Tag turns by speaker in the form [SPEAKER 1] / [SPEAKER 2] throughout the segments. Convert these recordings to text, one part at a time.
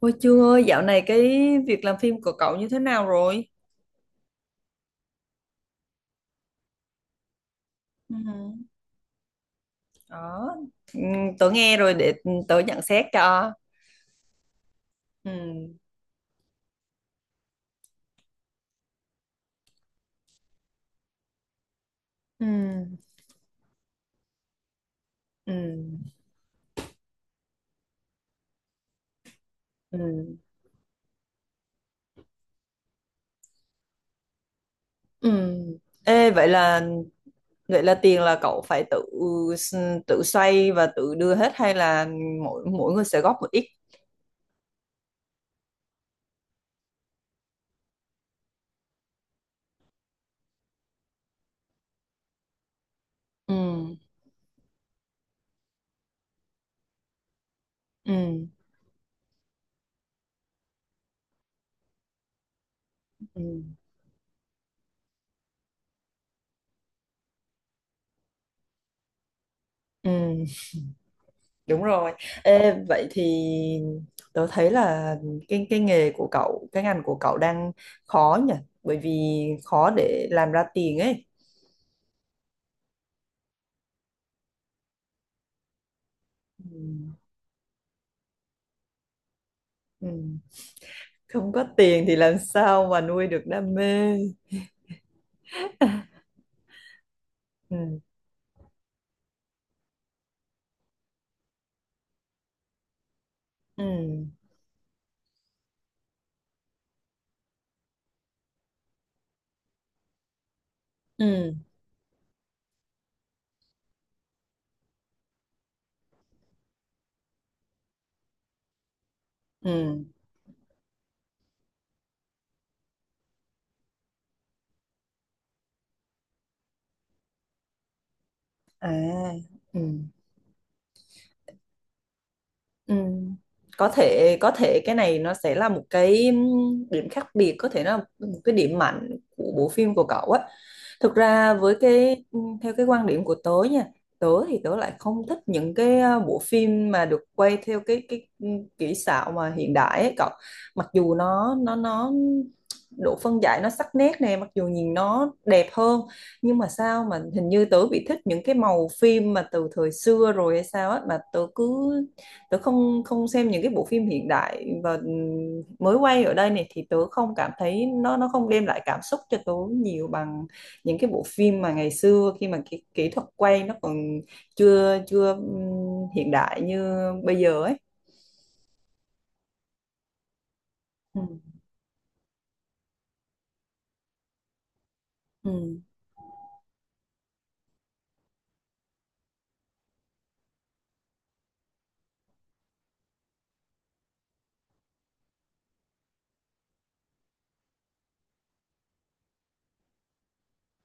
[SPEAKER 1] Ôi Trương ơi, dạo này cái việc làm phim của cậu như thế nào rồi? Ừ. Đó, ừ, tớ nghe rồi để tớ nhận xét cho. Ừ, ừ. Ừ, ừ, ừ. Ê, vậy là tiền là cậu phải tự tự xoay và tự đưa hết hay là mỗi mỗi người sẽ góp một ít? Ừ. Ừ. Ừ, ừ. Đúng rồi. Ê, vậy thì tớ thấy là cái nghề của cậu, cái ngành của cậu đang khó nhỉ? Bởi vì khó để làm ra tiền ấy. Ừ. Ừ. Không có tiền thì làm sao mà nuôi được đam mê? Ừ. Ừ. Ừ. Ừ. À. Ừ. Ừ. Có thể cái này nó sẽ là một cái điểm khác biệt, có thể nó là một cái điểm mạnh của bộ phim của cậu á. Thực ra với cái theo cái quan điểm của tớ nha, tớ thì tớ lại không thích những cái bộ phim mà được quay theo cái kỹ xảo mà hiện đại ấy cậu. Mặc dù nó nó độ phân giải nó sắc nét nè, mặc dù nhìn nó đẹp hơn, nhưng mà sao mà hình như tớ bị thích những cái màu phim mà từ thời xưa rồi hay sao á mà tớ không không xem những cái bộ phim hiện đại và mới quay ở đây này, thì tớ không cảm thấy nó không đem lại cảm xúc cho tớ nhiều bằng những cái bộ phim mà ngày xưa khi mà kỹ thuật quay nó còn chưa chưa hiện đại như bây giờ ấy. Ừ, ừ,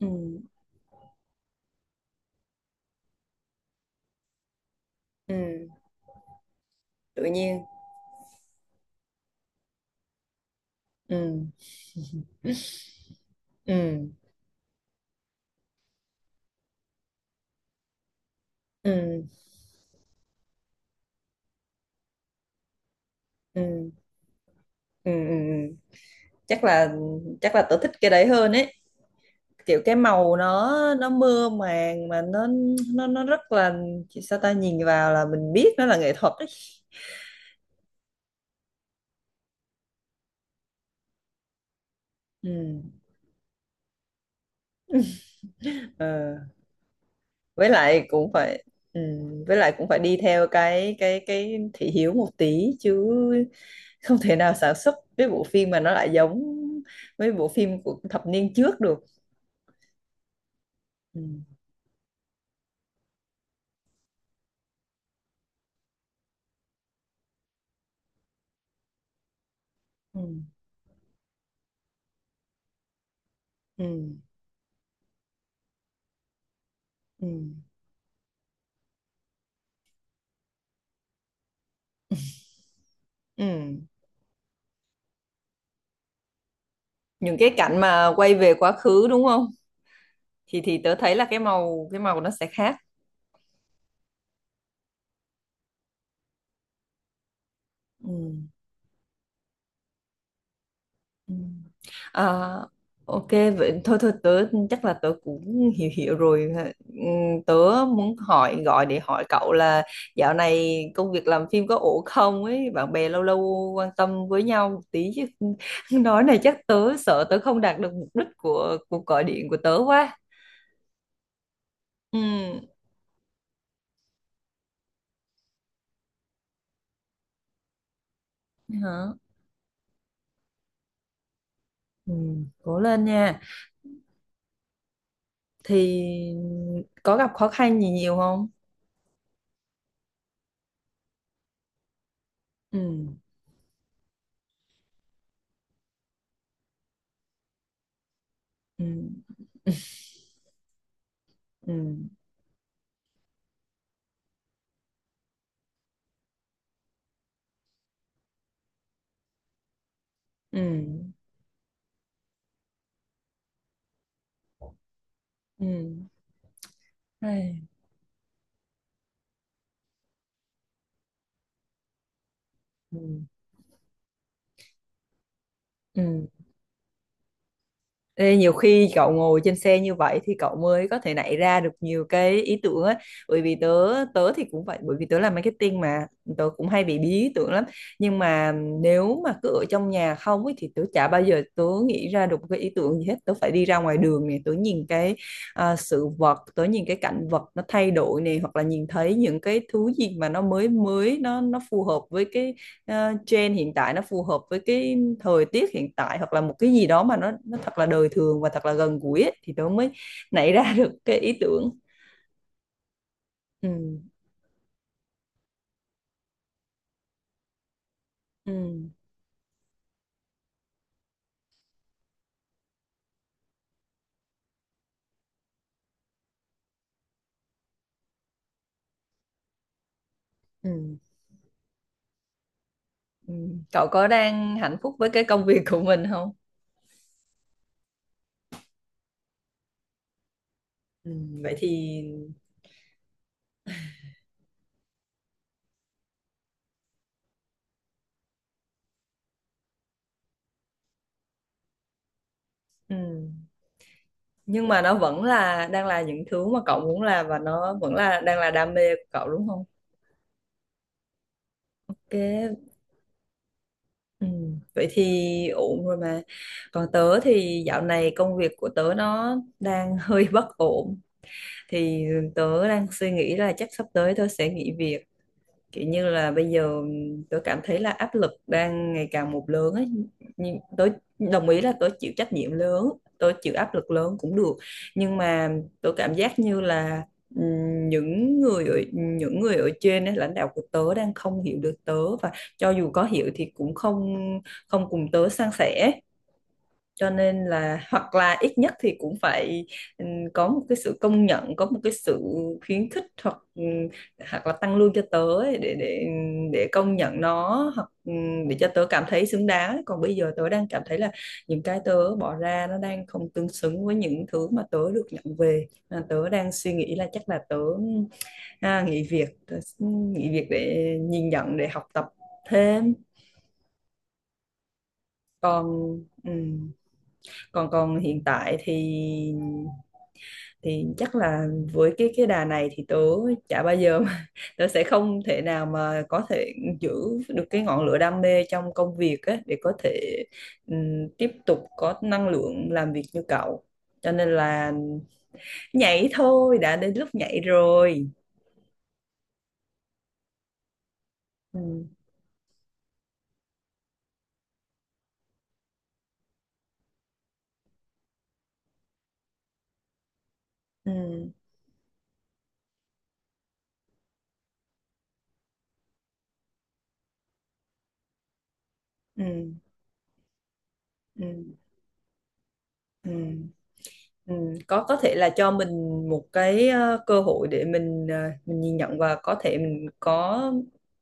[SPEAKER 1] ừ, ừ, tự nhiên, ừ, ừ, ừ, ừ, ừ, ừ. Ừ, ừ. chắc là chắc là tớ thích cái đấy hơn ấy, kiểu cái màu nó mơ màng mà nó, nó rất là, sao ta nhìn vào là mình biết nó là nghệ thuật ấy. Ừ. Ờ. Với lại cũng phải ừ. Với lại cũng phải đi theo cái cái thị hiếu một tí chứ, không thể nào sản xuất cái bộ phim mà nó lại giống mấy bộ phim của thập niên trước được. Ừ. Ừ. Ừ. Ừ. Ừ. Những cái cảnh mà quay về quá khứ đúng không? Thì tớ thấy là cái màu, cái màu nó sẽ khác. Ừ. Ừ. À, ok, vậy thôi, thôi tớ chắc là tớ cũng hiểu hiểu rồi. Ừ, tớ muốn hỏi, gọi để hỏi cậu là dạo này công việc làm phim có ổn không ấy, bạn bè lâu lâu quan tâm với nhau một tí chứ. Nói này chắc tớ sợ tớ không đạt được mục đích của cuộc gọi điện của tớ quá. Ừ. Hả. Ừ, cố lên nha. Thì có gặp khó khăn gì nhiều không? Ừ, ừ, ừ, ừ, ừ. Ai, ừ. Ừ. Ê, nhiều khi cậu ngồi trên xe như vậy thì cậu mới có thể nảy ra được nhiều cái ý tưởng ấy. Bởi vì tớ, thì cũng vậy, bởi vì tớ làm marketing mà, tớ cũng hay bị bí ý tưởng lắm, nhưng mà nếu mà cứ ở trong nhà không ấy, thì tớ chả bao giờ tớ nghĩ ra được một cái ý tưởng gì hết. Tớ phải đi ra ngoài đường này, tớ nhìn cái, sự vật, tớ nhìn cái cảnh vật nó thay đổi này, hoặc là nhìn thấy những cái thứ gì mà nó mới mới nó, phù hợp với cái trend hiện tại, nó phù hợp với cái thời tiết hiện tại, hoặc là một cái gì đó mà nó, thật là đời thường và thật là gần gũi ấy, thì tớ mới nảy ra được cái ý tưởng. Ừ, ừ, ừ, ừ. Cậu có đang hạnh phúc với cái công việc của mình không? Ừ, vậy thì ừ. Nhưng mà nó vẫn là đang là những thứ mà cậu muốn làm và nó vẫn là đang là đam mê của cậu đúng không? cái ừ. Vậy thì ổn rồi mà. Còn tớ thì dạo này công việc của tớ nó đang hơi bất ổn, thì tớ đang suy nghĩ là chắc sắp tới tớ sẽ nghỉ việc, kiểu như là bây giờ tớ cảm thấy là áp lực đang ngày càng một lớn ấy. Nhưng tớ đồng ý là tớ chịu trách nhiệm lớn, tớ chịu áp lực lớn cũng được, nhưng mà tớ cảm giác như là những người ở trên ấy, lãnh đạo của tớ đang không hiểu được tớ, và cho dù có hiểu thì cũng không, cùng tớ san sẻ. Cho nên là hoặc là ít nhất thì cũng phải ừm, có một cái sự công nhận, có một cái sự khuyến khích, hoặc hoặc là tăng lương cho tớ ấy, để, để công nhận nó, hoặc để cho tớ cảm thấy xứng đáng. Còn bây giờ tớ đang cảm thấy là những cái tớ bỏ ra nó đang không tương xứng với những thứ mà tớ được nhận về. Tớ đang suy nghĩ là chắc là nghỉ việc tớ nghỉ việc để nhìn nhận, để học tập thêm. Còn ừm, còn, hiện tại thì, chắc là với cái đà này thì tớ chả bao giờ mà, tớ sẽ không thể nào mà có thể giữ được cái ngọn lửa đam mê trong công việc á để có thể tiếp tục có năng lượng làm việc như cậu. Cho nên là nhảy thôi, đã đến lúc nhảy rồi. Ừ, ừ, ừ, ừ, ừ. Ừ, có thể là cho mình một cái cơ hội để mình, mình nhìn nhận và có thể mình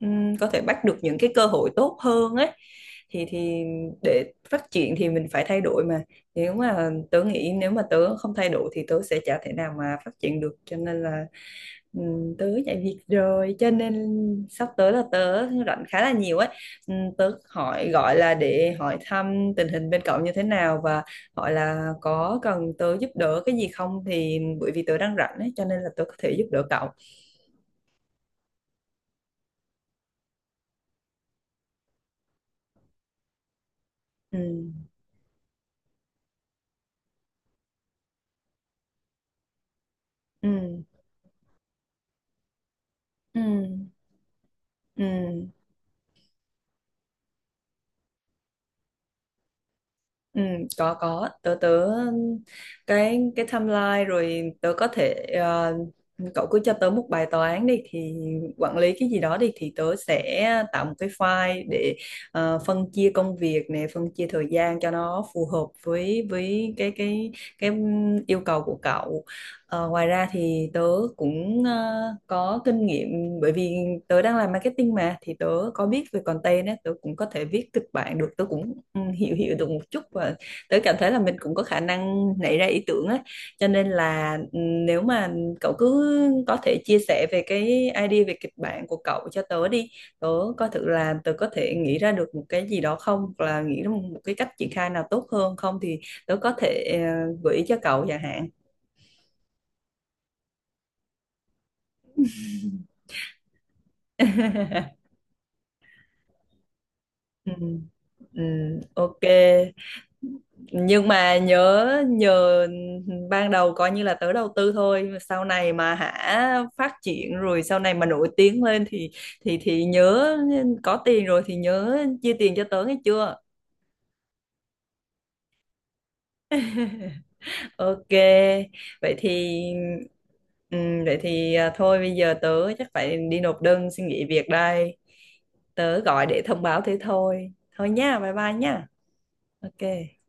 [SPEAKER 1] có thể bắt được những cái cơ hội tốt hơn ấy. Thì để phát triển thì mình phải thay đổi mà, nếu mà tớ nghĩ nếu mà tớ không thay đổi thì tớ sẽ chả thể nào mà phát triển được. Cho nên là tớ nhảy việc rồi cho nên sắp tới là tớ rảnh khá là nhiều ấy. Tớ hỏi gọi là để hỏi thăm tình hình bên cậu như thế nào, và gọi là có cần tớ giúp đỡ cái gì không, thì bởi vì tớ đang rảnh ấy cho nên là tớ có thể giúp đỡ cậu. Ừ, ừ, ừ, ừ, ừ. Có, tớ tớ cái, timeline rồi tớ có thể, ờ, cậu cứ cho tớ một bài toán đi, thì quản lý cái gì đó đi thì tớ sẽ tạo một cái file để phân chia công việc này, phân chia thời gian cho nó phù hợp với cái, cái yêu cầu của cậu. Ngoài ra thì tớ cũng có kinh nghiệm, bởi vì tớ đang làm marketing mà, thì tớ có biết về content á, tớ cũng có thể viết kịch bản được, tớ cũng hiểu hiểu được một chút, và tớ cảm thấy là mình cũng có khả năng nảy ra ý tưởng á. Cho nên là ừ, nếu mà cậu cứ có thể chia sẻ về cái idea về kịch bản của cậu cho tớ đi, tớ coi thử là tớ có thể nghĩ ra được một cái gì đó không, hoặc là nghĩ ra một một cái cách triển khai nào tốt hơn không, thì tớ có thể gợi ý cho cậu chẳng hạn. Ừ, ừ, ok. Nhưng mà nhớ nhờ, ban đầu coi như là tớ đầu tư thôi, sau này mà hả phát triển rồi, sau này mà nổi tiếng lên thì, thì nhớ, có tiền rồi thì nhớ chia tiền cho tớ nghe chưa. Ok, vậy thì vậy thì thôi bây giờ tớ chắc phải đi nộp đơn xin nghỉ việc đây. Tớ gọi để thông báo thế thôi, thôi nha, bye bye nha. Ok.